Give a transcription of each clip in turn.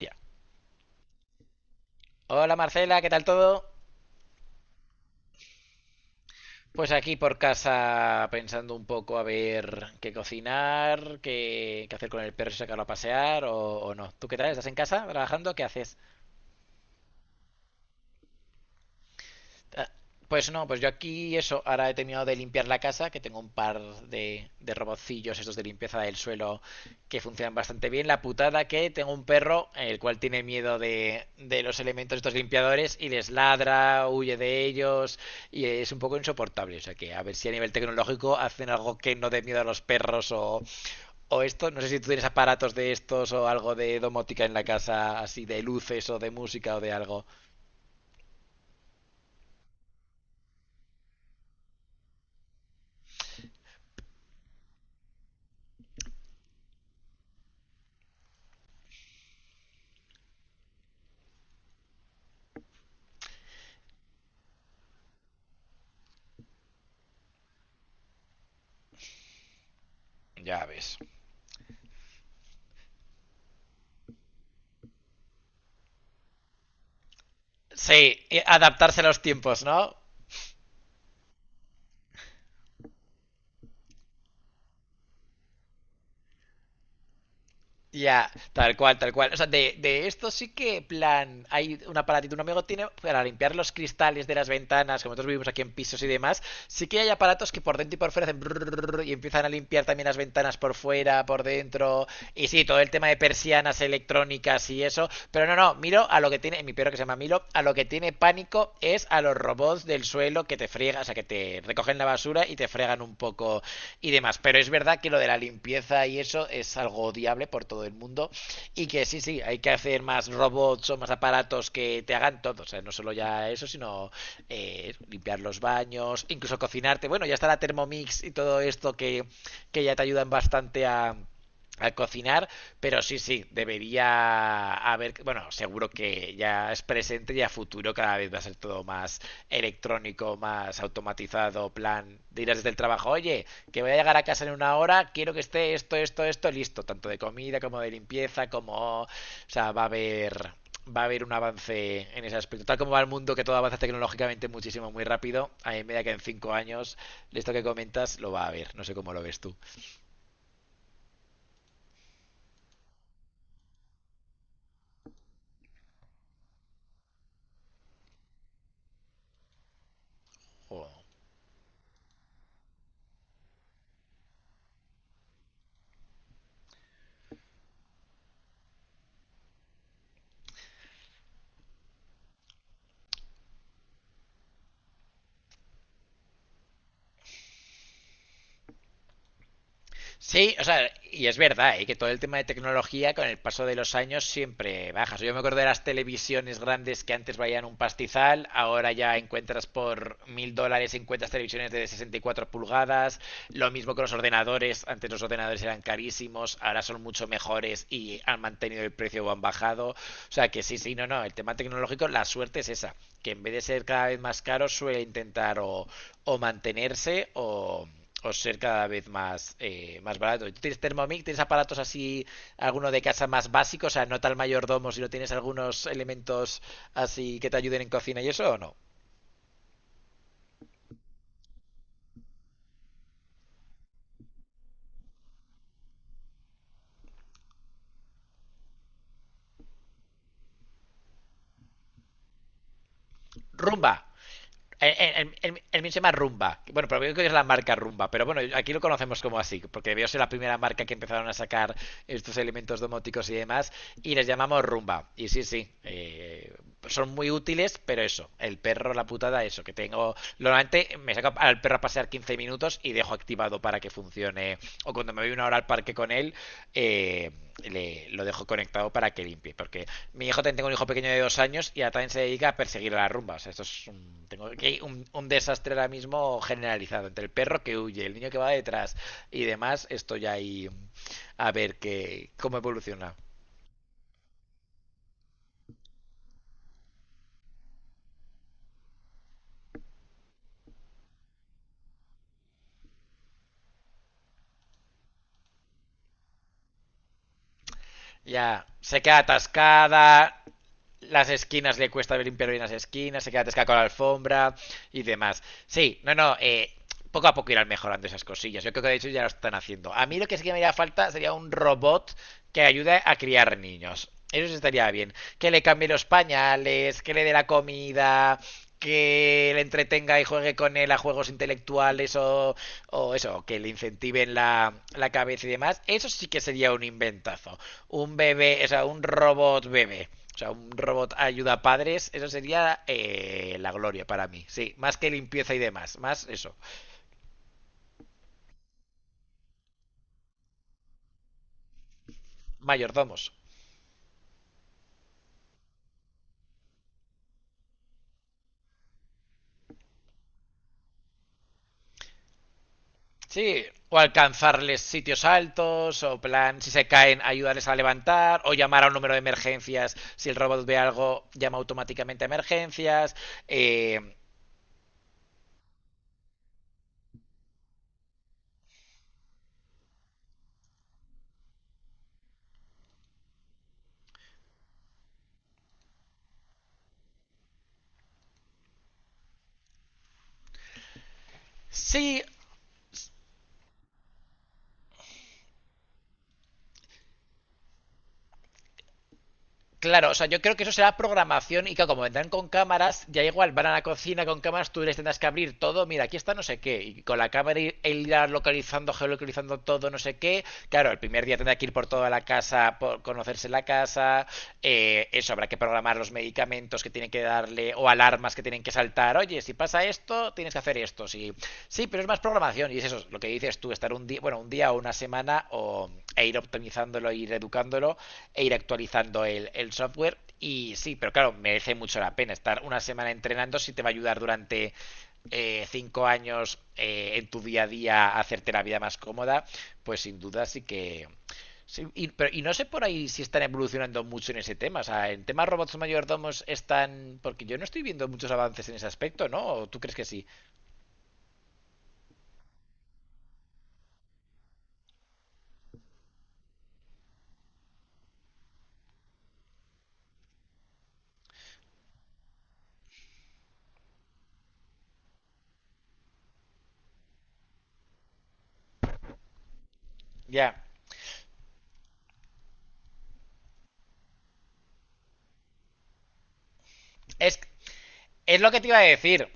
Ya. Hola Marcela, ¿qué tal todo? Pues aquí por casa pensando un poco a ver qué cocinar, qué hacer con el perro, si sacarlo a pasear o no. ¿Tú qué tal? ¿Estás en casa trabajando? ¿Qué haces? Ah. Pues no, pues yo aquí eso, ahora he terminado de limpiar la casa, que tengo un par de robotcillos estos de limpieza del suelo que funcionan bastante bien. La putada que tengo un perro, el cual tiene miedo de los elementos estos limpiadores y les ladra, huye de ellos y es un poco insoportable. O sea que a ver si a nivel tecnológico hacen algo que no dé miedo a los perros o esto. No sé si tú tienes aparatos de estos o algo de domótica en la casa, así de luces o de música o de algo. Ya ves. Sí, adaptarse a los tiempos, ¿no? Ya, tal cual, tal cual. O sea, de esto sí que, plan, hay un aparatito, un amigo tiene para limpiar los cristales de las ventanas, como nosotros vivimos aquí en pisos y demás, sí que hay aparatos que por dentro y por fuera hacen brrrr y empiezan a limpiar también las ventanas por fuera, por dentro, y sí, todo el tema de persianas electrónicas y eso, pero no, no, miro a lo que tiene, mi perro que se llama Milo, a lo que tiene pánico es a los robots del suelo que te friegan, o sea, que te recogen la basura y te fregan un poco y demás. Pero es verdad que lo de la limpieza y eso es algo odiable por todo el mundo y que sí, sí, hay que hacer más robots o más aparatos que te hagan todo. O sea, no solo ya eso, sino limpiar los baños, incluso cocinarte. Bueno, ya está la Thermomix y todo esto que ya te ayudan bastante a al cocinar, pero sí, sí, debería haber, bueno, seguro que ya es presente y a futuro cada vez va a ser todo más electrónico, más automatizado, plan, dirás desde el trabajo, oye, que voy a llegar a casa en una hora, quiero que esté esto, esto, esto listo, tanto de comida como de limpieza, como... O sea, Va a haber un avance en ese aspecto. Tal como va el mundo, que todo avanza tecnológicamente muchísimo, muy rápido, a mí me da que en 5 años, esto que comentas, lo va a haber. No sé cómo lo ves tú. O- Sí, o sea, y es verdad, ¿eh? Que todo el tema de tecnología con el paso de los años siempre baja. O sea, yo me acuerdo de las televisiones grandes que antes valían un pastizal, ahora ya encuentras por 1000 dólares, encuentras televisiones de 64 pulgadas, lo mismo con los ordenadores, antes los ordenadores eran carísimos, ahora son mucho mejores y han mantenido el precio o han bajado. O sea, que sí, sí, no, no, el tema tecnológico, la suerte es esa, que en vez de ser cada vez más caro, suele intentar o mantenerse o ser cada vez más, más barato. ¿Tú tienes Thermomix? ¿Tienes aparatos así, alguno de casa más básicos? O sea, no tal mayordomo, si no tienes algunos elementos así que te ayuden en cocina y eso o no. Rumba. El mío se llama Rumba. Bueno, pero creo que es la marca Rumba. Pero bueno, aquí lo conocemos como así, porque debió ser la primera marca que empezaron a sacar estos elementos domóticos y demás. Y les llamamos Rumba. Y sí, sí, son muy útiles, pero eso, el perro, la putada, eso, que tengo. Normalmente me saco al perro para pasear 15 minutos y dejo activado para que funcione. O cuando me voy una hora al parque con él, eh, lo dejo conectado para que limpie. Porque mi hijo también tengo un hijo pequeño de 2 años y ahora también se dedica a perseguir a la rumba. O sea, tengo aquí un desastre ahora mismo generalizado. Entre el perro que huye, el niño que va detrás y demás, esto ya hay a ver qué cómo evoluciona. Ya, se queda atascada, las esquinas le cuesta limpiar bien las esquinas, se queda atascada con la alfombra y demás. Sí, no, no, poco a poco irán mejorando esas cosillas. Yo creo que de hecho ya lo están haciendo. A mí lo que sí que me haría falta sería un robot que ayude a criar niños. Eso sí estaría bien. Que le cambie los pañales, que le dé la comida, que le entretenga y juegue con él a juegos intelectuales o eso, que le incentiven la cabeza y demás, eso sí que sería un inventazo un bebé, o sea, un robot bebé. O sea, un robot ayuda a padres, eso sería la gloria para mí. Sí, más que limpieza y demás, más eso. Mayordomos. Sí, o alcanzarles sitios altos, o plan, si se caen, ayudarles a levantar, o llamar a un número de emergencias. Si el robot ve algo, llama automáticamente a emergencias. Eh, sí, claro, o sea, yo creo que eso será programación y que como vendrán con cámaras, ya igual van a la cocina con cámaras, tú les tendrás que abrir todo, mira, aquí está no sé qué, y con la cámara irás localizando, geolocalizando todo, no sé qué. Claro, el primer día tendrá que ir por toda la casa, por conocerse la casa, eso, habrá que programar los medicamentos que tienen que darle o alarmas que tienen que saltar, oye, si pasa esto, tienes que hacer esto, sí, sí, pero es más programación y es eso, lo que dices tú, estar un día, bueno, un día o una semana o, e ir optimizándolo, ir educándolo e ir actualizando el software. Y sí, pero claro, merece mucho la pena estar una semana entrenando si te va a ayudar durante 5 años en tu día a día a hacerte la vida más cómoda, pues sin duda sí que... sí, y no sé por ahí si están evolucionando mucho en ese tema. O sea, en temas robots mayordomos están... Porque yo no estoy viendo muchos avances en ese aspecto, ¿no? ¿O tú crees que sí? Ya. Es, es lo que te iba a decir.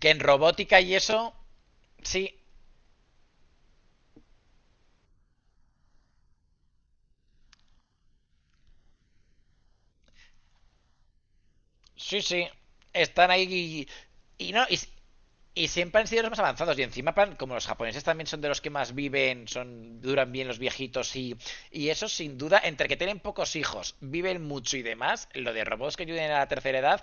Que en robótica y eso, sí. Sí, sí. Están ahí y no, y siempre han sido los más avanzados. Y encima, plan, como los japoneses también son de los que más viven, son duran bien los viejitos y eso, sin duda, entre que tienen pocos hijos, viven mucho y demás, lo de robots que ayuden a la tercera edad,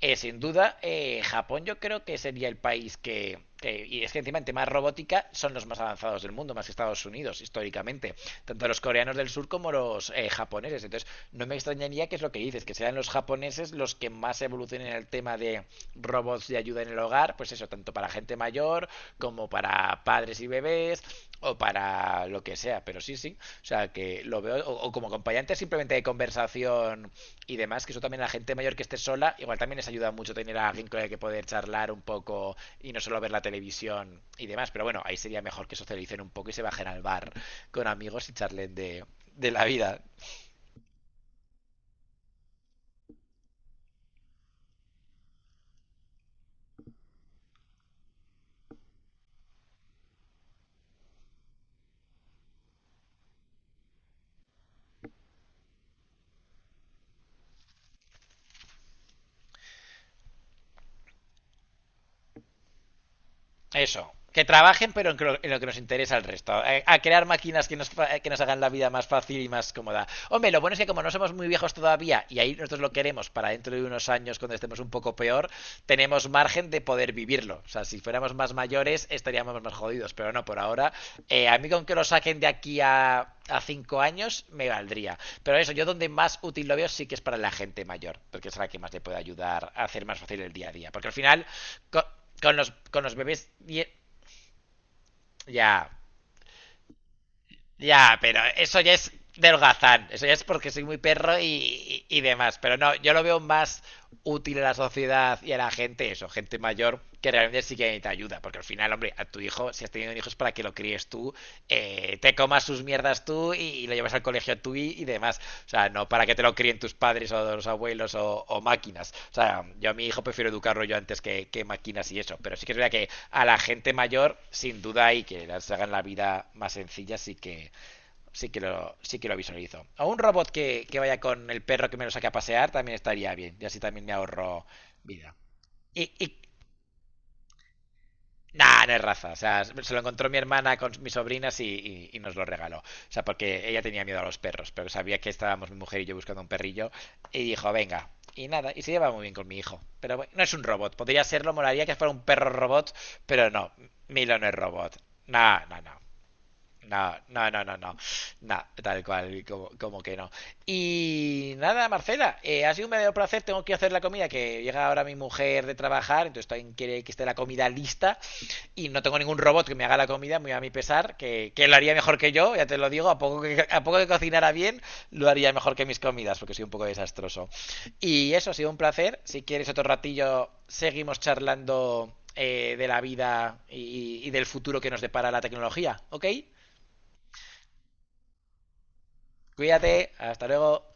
sin duda, Japón yo creo que sería el país y es que encima en tema robótica son los más avanzados del mundo, más que Estados Unidos, históricamente. Tanto los coreanos del sur como los japoneses. Entonces, no me extrañaría que es lo que dices, que sean los japoneses los que más evolucionen en el tema de robots de ayuda en el hogar, pues eso, tanto para gente mayor como para padres y bebés o para lo que sea. Pero sí, sí, o sea, que lo veo, o como acompañante simplemente de conversación y demás, que eso también a la gente mayor que esté sola, igual también les ayuda mucho tener a alguien con el que poder charlar un poco y no solo ver la televisión y demás. Pero bueno, ahí sería mejor que socialicen un poco y se bajen al bar con amigos y charlen de la vida. Eso. Que trabajen, pero en lo, que nos interesa al resto. Crear máquinas que nos hagan la vida más fácil y más cómoda. Hombre, lo bueno es que como no somos muy viejos todavía, y ahí nosotros lo queremos para dentro de unos años, cuando estemos un poco peor, tenemos margen de poder vivirlo. O sea, si fuéramos más mayores, estaríamos más jodidos. Pero no, por ahora, a mí con que lo saquen de aquí a 5 años, me valdría. Pero eso, yo donde más útil lo veo sí que es para la gente mayor, porque es la que más le puede ayudar a hacer más fácil el día a día. Porque al final... Con los bebés. Ya. Ya, pero eso ya es del gazán. Eso ya es porque soy muy perro y demás. Pero no, yo lo veo más útil a la sociedad y a la gente, eso, gente mayor, que realmente sí que necesita ayuda. Porque al final, hombre, a tu hijo, si has tenido un hijo es para que lo críes tú, te comas tus mierdas tú y lo llevas al colegio tú y demás. O sea, no para que te lo críen tus padres o los abuelos o máquinas. O sea, yo a mi hijo prefiero educarlo yo antes que máquinas y eso. Pero sí que es verdad que a la gente mayor, sin duda, y que les hagan la vida más sencilla, sí que lo visualizo. O un robot que vaya con el perro que me lo saque a pasear también estaría bien. Y así también me ahorro vida. Y nah, no es raza. O sea, se lo encontró mi hermana con mis sobrinas y nos lo regaló. O sea, porque ella tenía miedo a los perros, pero sabía que estábamos mi mujer y yo buscando un perrillo. Y dijo, venga. Y nada, y se lleva muy bien con mi hijo. Pero bueno, no es un robot. Podría serlo, molaría que fuera un perro robot, pero no. Milo no es robot. Nah, no, no. No, no, no, no, no. No, tal cual, como, que no. Y nada, Marcela, ha sido un verdadero placer. Tengo que hacer la comida, que llega ahora mi mujer de trabajar, entonces también quiere que esté la comida lista. Y no tengo ningún robot que me haga la comida, muy a mi pesar, que lo haría mejor que yo, ya te lo digo. A poco que cocinara bien, lo haría mejor que mis comidas, porque soy un poco desastroso. Y eso, ha sido un placer. Si quieres otro ratillo, seguimos charlando, de la vida y del futuro que nos depara la tecnología, ¿ok? Cuídate, hasta luego.